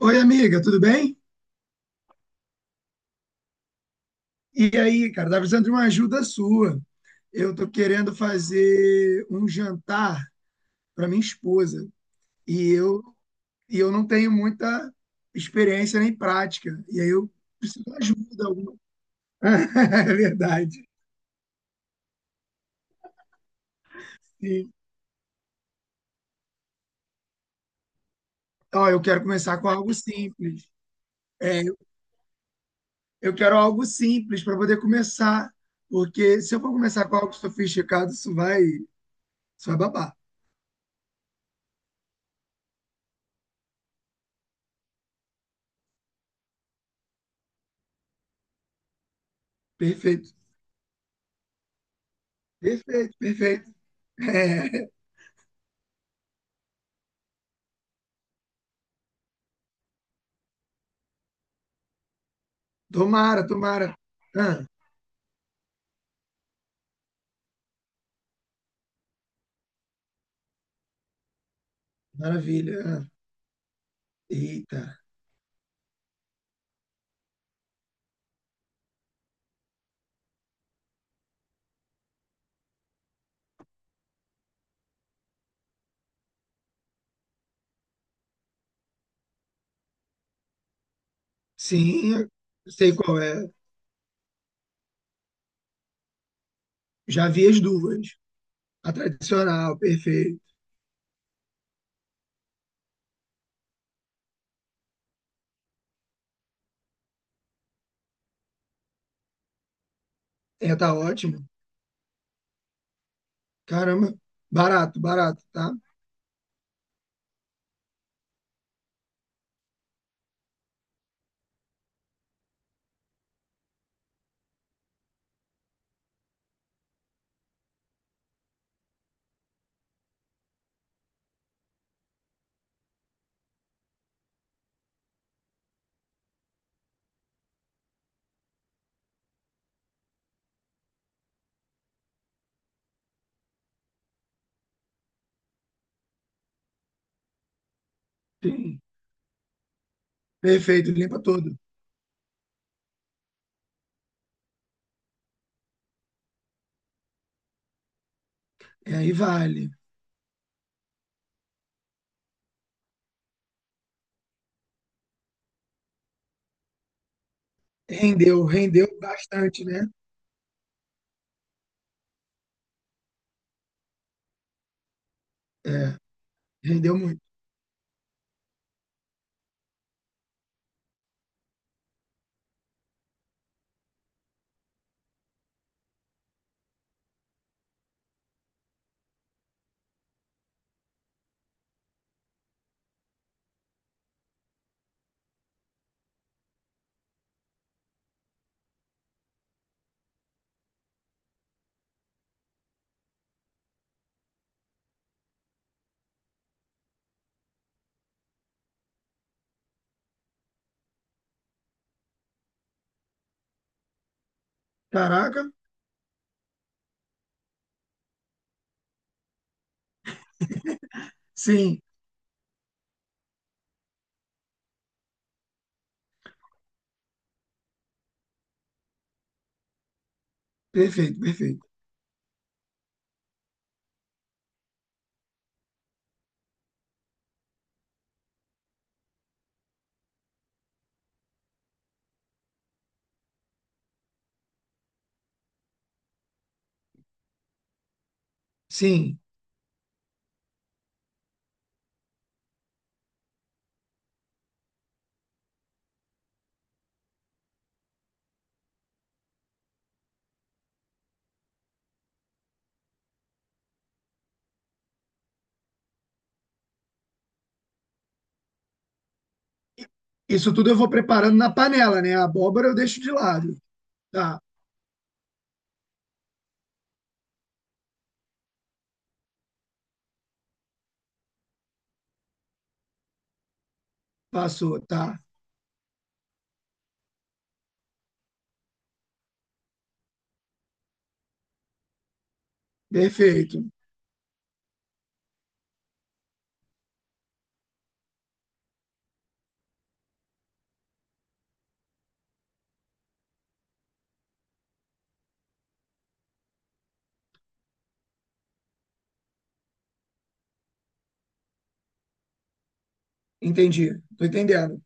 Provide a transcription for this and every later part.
Oi, amiga, tudo bem? E aí, cara, tá precisando de uma ajuda sua. Eu tô querendo fazer um jantar para minha esposa e eu e eu não tenho muita experiência nem prática. E aí eu preciso de ajuda alguma. É verdade. Sim. Ó, eu quero começar com algo simples. É, eu quero algo simples para poder começar, porque se eu for começar com algo sofisticado, isso vai babar. Perfeito. Perfeito. Tomara. Ah, maravilha. Ah, eita. Sim, eu sei qual é. Já vi as duas. A tradicional, perfeito. É, tá ótimo. Caramba, barato, tá? Sim. Perfeito, limpa todo. É, aí vale. Rendeu bastante, né? É, rendeu muito. Caraca, sim, perfeito. Sim, isso tudo eu vou preparando na panela, né? A abóbora eu deixo de lado. Tá, passou, tá. Perfeito. Entendi, tô entendendo.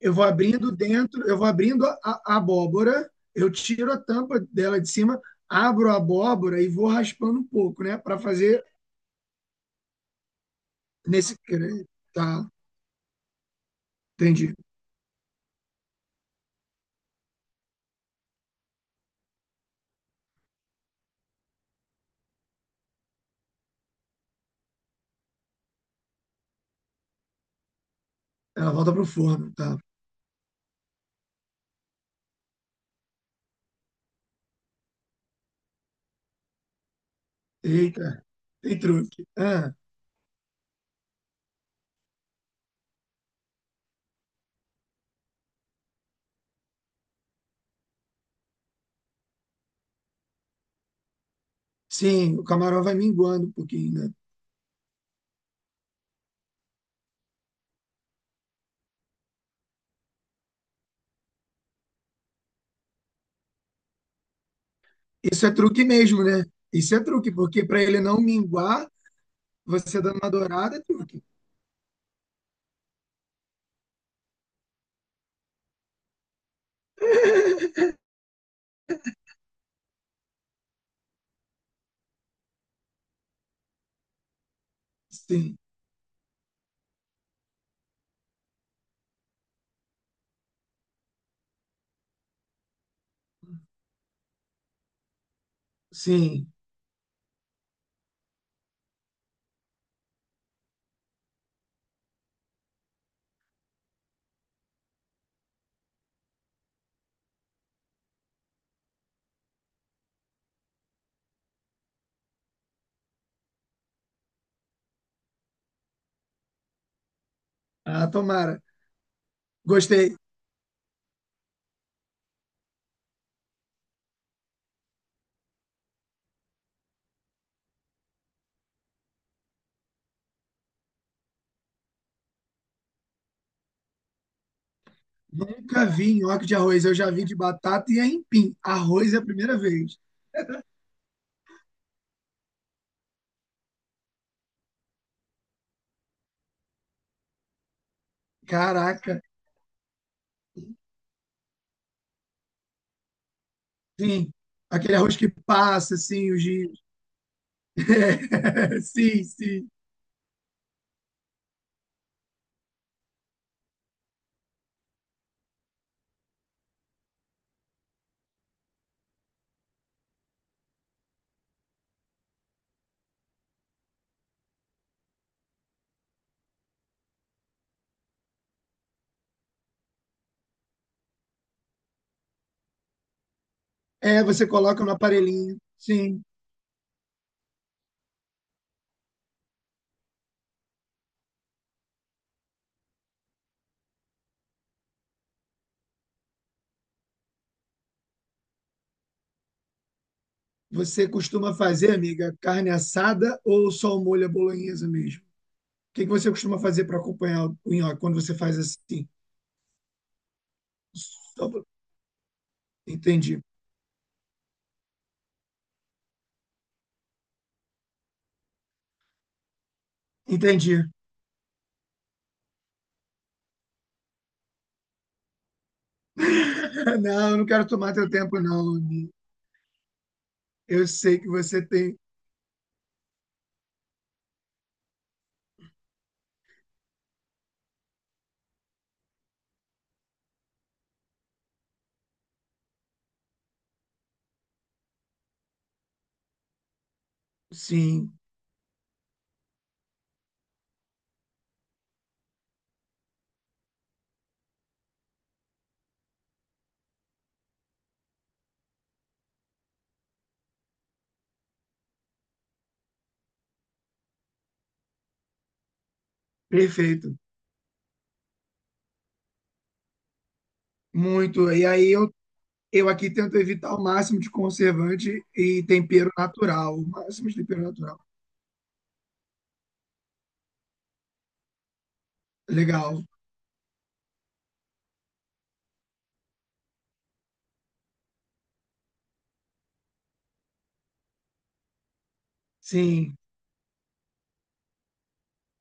Eu vou abrindo dentro, eu vou abrindo a abóbora, eu tiro a tampa dela de cima, abro a abóbora e vou raspando um pouco, né? Para fazer nesse. cre- Tá, entendi. Ela volta pro forno, tá? Eita, tem truque. Ah, sim, o camarão vai minguando um pouquinho, né? Isso é truque mesmo, né? Isso é truque, porque para ele não minguar, você dando uma dourada é truque. Sim, sim. Ah, tomara. Gostei. Nunca vi nhoque de arroz, eu já vi de batata e aipim. Arroz é a primeira vez. Caraca, sim. Aquele arroz que passa, assim, os giros. Sim. É, você coloca no aparelhinho. Sim. Você costuma fazer, amiga, carne assada ou só o molho à bolonhesa mesmo? O que que você costuma fazer para acompanhar o nhoque quando você faz assim? Só pra- Entendi. Entendi. Não, eu não quero tomar teu tempo, não. Amigo, eu sei que você tem. Sim. Perfeito, muito. Eu aqui tento evitar o máximo de conservante e tempero natural, o máximo de tempero natural. Legal, sim.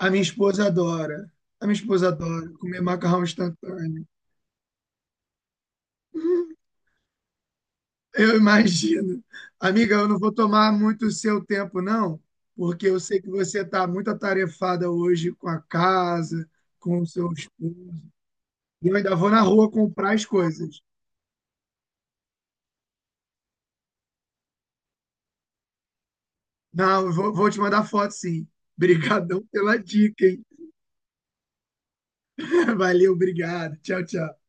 A minha esposa adora, a minha esposa adora comer macarrão instantâneo. Eu imagino. Amiga, eu não vou tomar muito o seu tempo, não, porque eu sei que você está muito atarefada hoje com a casa, com o seu esposo. E eu ainda vou na rua comprar as coisas. Não, vou te mandar foto, sim. Obrigadão pela dica, hein? Valeu, obrigado. Tchau, tchau.